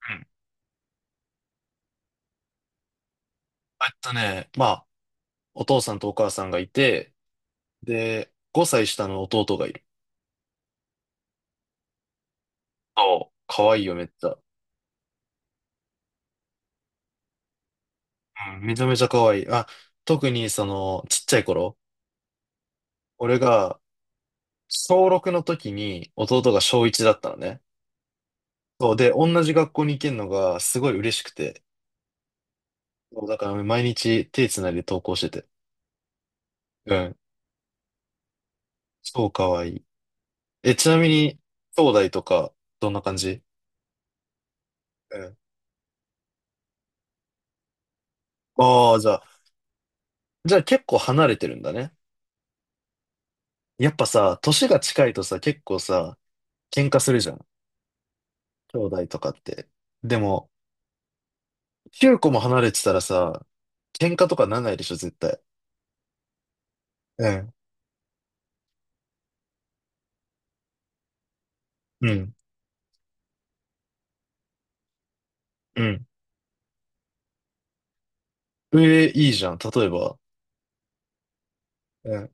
うん。えっとね、まあ、お父さんとお母さんがいて、で、5歳下の弟がいる。そう。可愛いいよ、めっちゃ。うん、めちゃめちゃ可愛いい。特にちっちゃい頃、俺が小6の時に弟が小1だったのね。そう、で、同じ学校に行けるのがすごい嬉しくて。そう、だから毎日手つないで登校してて。うん、超可愛いい。ちなみに、兄弟とか、どんな感じ？うん。ああ、じゃあ、じゃあ結構離れてるんだね。やっぱさ、年が近いとさ、結構さ、喧嘩するじゃん。兄弟とかって。でも、9個も離れてたらさ、喧嘩とかならないでしょ、絶対。うん。うん。うん。ええ、いいじゃん。例えば。うん。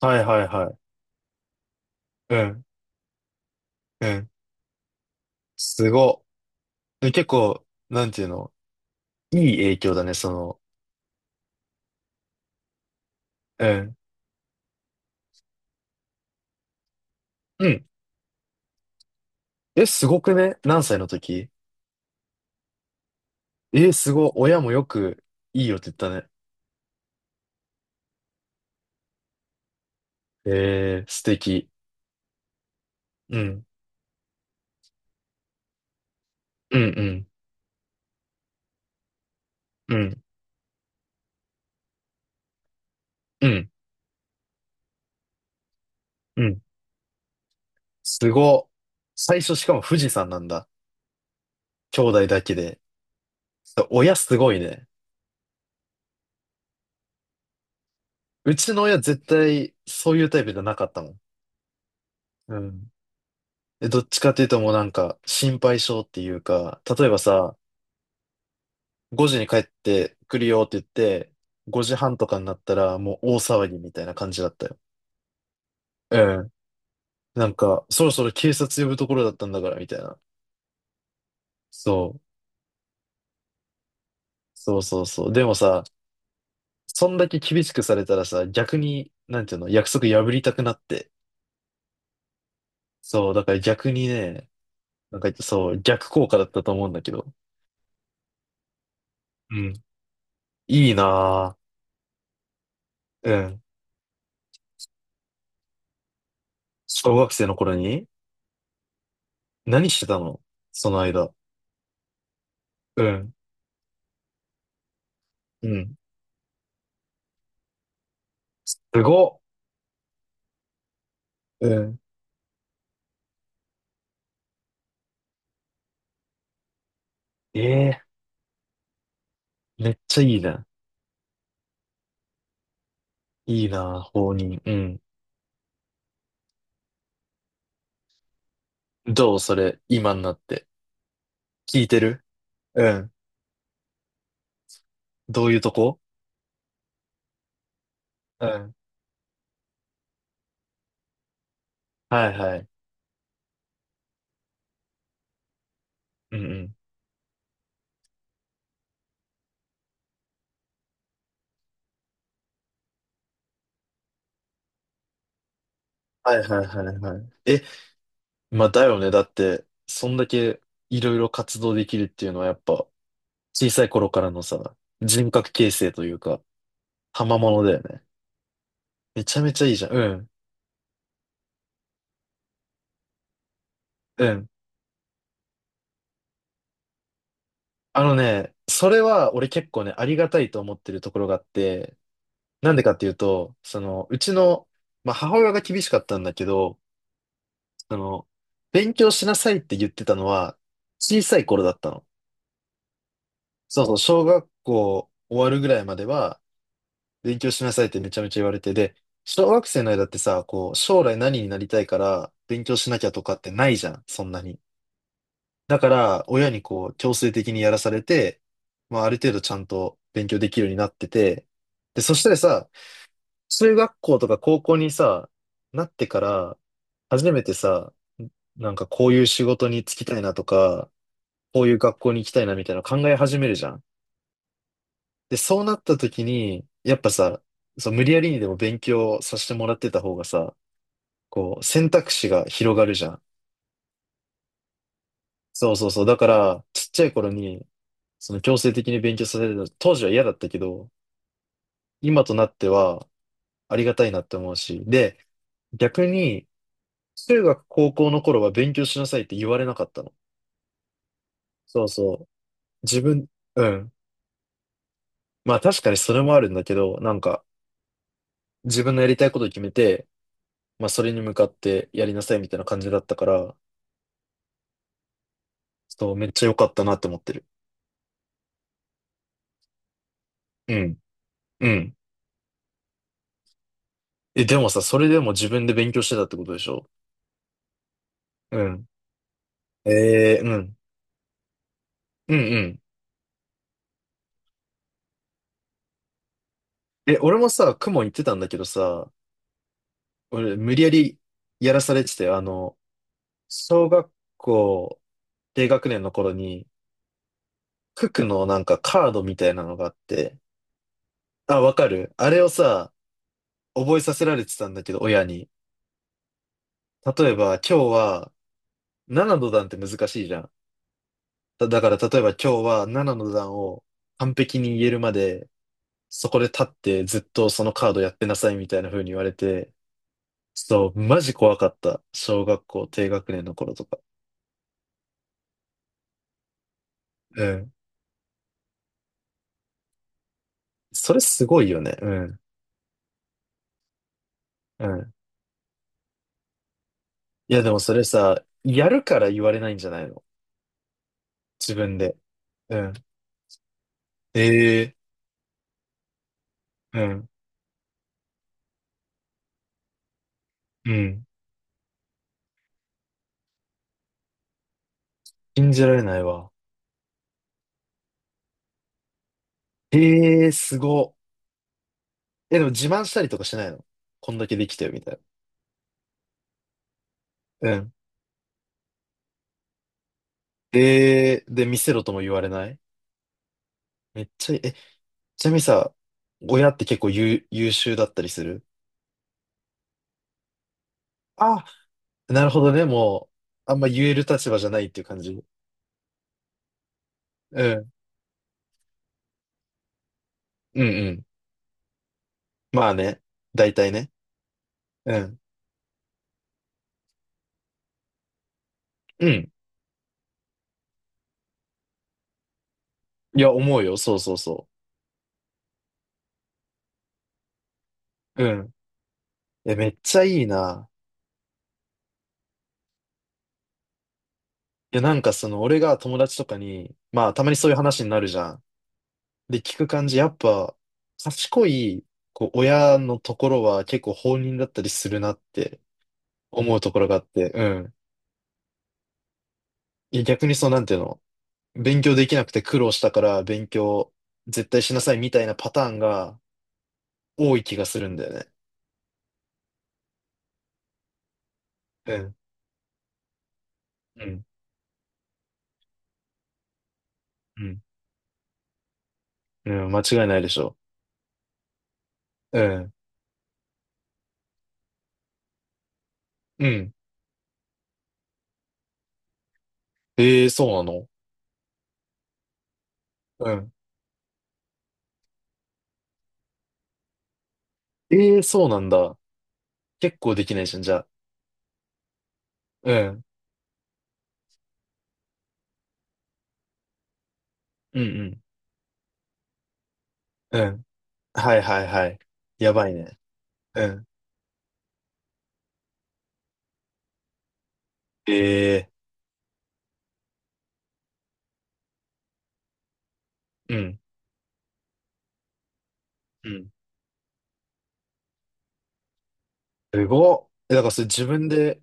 はいはいはい。うん。うん。すご。結構、なんていうの、いい影響だね、その。うん。うん。え、すごくね？何歳の時？え、すご。親もよく、いいよって言ったね。ええ、素敵。うん。うんうん。うん。うん。うん。すご。最初しかも富士山なんだ。兄弟だけで。そう親すごいね。うちの親絶対そういうタイプじゃなかったもん。うん。で、どっちかっていうともうなんか心配性っていうか、例えばさ、5時に帰ってくるよって言って、5時半とかになったらもう大騒ぎみたいな感じだったよ。うん。なんか、そろそろ警察呼ぶところだったんだからみたいな。そう。そうそうそう。でもさ、そんだけ厳しくされたらさ、逆に、なんていうの、約束破りたくなって、そう、だから逆にね、なんかそう、逆効果だったと思うんだけど。うん。いいなぁ。うん。小学生の頃に何してたの？その間。うん。うん。すごっ。うん。ええめっちゃいいな。いいなぁ、放任。うん。どうそれ、今になって。聞いてる？うん。どういうとこ？うん。はいはい。うんうん。はいはいはいはい。え、まあだよね。だって、そんだけいろいろ活動できるっていうのはやっぱ、小さい頃からのさ、人格形成というか、賜物だよね。めちゃめちゃいいじゃん。うん。うん。あのね、それは俺結構ね、ありがたいと思ってるところがあって、なんでかっていうと、その、うちの、まあ、母親が厳しかったんだけど、その、勉強しなさいって言ってたのは、小さい頃だったの。そうそう、小学校終わるぐらいまでは、勉強しなさいってめちゃめちゃ言われて、で、小学生の間ってさ、こう、将来何になりたいから勉強しなきゃとかってないじゃん、そんなに。だから、親にこう、強制的にやらされて、まあ、ある程度ちゃんと勉強できるようになってて、で、そしたらさ、中学校とか高校にさ、なってから、初めてさ、なんかこういう仕事に就きたいなとか、こういう学校に行きたいなみたいなの考え始めるじゃん。で、そうなった時に、やっぱさ、そう、無理やりにでも勉強させてもらってた方がさ、こう、選択肢が広がるじゃん。そうそうそう。だから、ちっちゃい頃に、その強制的に勉強させるの、当時は嫌だったけど、今となってはありがたいなって思うし、で、逆に、中学、高校の頃は勉強しなさいって言われなかったの。そうそう。自分、うん。まあ確かにそれもあるんだけど、なんか、自分のやりたいことを決めて、まあそれに向かってやりなさいみたいな感じだったから、そう、めっちゃ良かったなって思ってる。うん。うん。え、でもさ、それでも自分で勉強してたってことでしょ？うん。ええうん。うんうん。え、俺もさ、公文行ってたんだけどさ、俺無理やりやらされてたよ。あの、小学校低学年の頃に、九九のなんかカードみたいなのがあって、あ、わかる？あれをさ、覚えさせられてたんだけど、親に。例えば、今日は7の段って難しいじゃん。だから例えば今日は7の段を完璧に言えるまで、そこで立ってずっとそのカードやってなさいみたいな風に言われて、そう、マジ怖かった。小学校低学年の頃とか。うん。それすごいよね。うん。うん。いや、でもそれさ、やるから言われないんじゃないの？自分で。うん。ええうん。うん。信じられないわ。ええすご。え、でも自慢したりとかしないの？こんだけできたよ、みたいな。うん。ええで、見せろとも言われない？めっちゃいい、え、ちなみにさ、親って結構優、優秀だったりする？あ、なるほどね。もう、あんま言える立場じゃないっていう感じ。うん、うん、うん。まあね。大体ね。うん。うん。いや、思うよ。そうそうそう。うん。え、めっちゃいいな。いや、なんかその、俺が友達とかに、まあ、たまにそういう話になるじゃん。で、聞く感じ、やっぱ、賢い、こう、親のところは結構放任だったりするなって思うところがあって、うん。いや、逆にその、なんていうの、勉強できなくて苦労したから勉強絶対しなさいみたいなパターンが多い気がするんだよね。うん。うん。うんうん、間違いないでしょ。うん。うん。ええ、そうなの？うん。ええ、そうなんだ。結構できないじゃん、じゃあ。うん。うんうん。うん。はいはいはい。やばいね。うん。ええ、うん。うん。すごっ。え、だからそれ自分で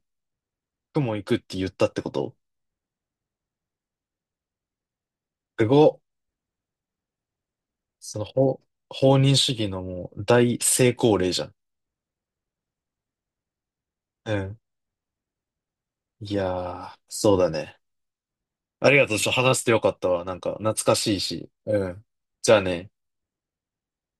雲行くって言ったってこと？すごっ。その、法、放任主義のもう大成功例じゃん。うん。いやー、そうだね。ありがとう。ちょっと話してよかったわ。なんか懐かしいし。うん。じゃあね。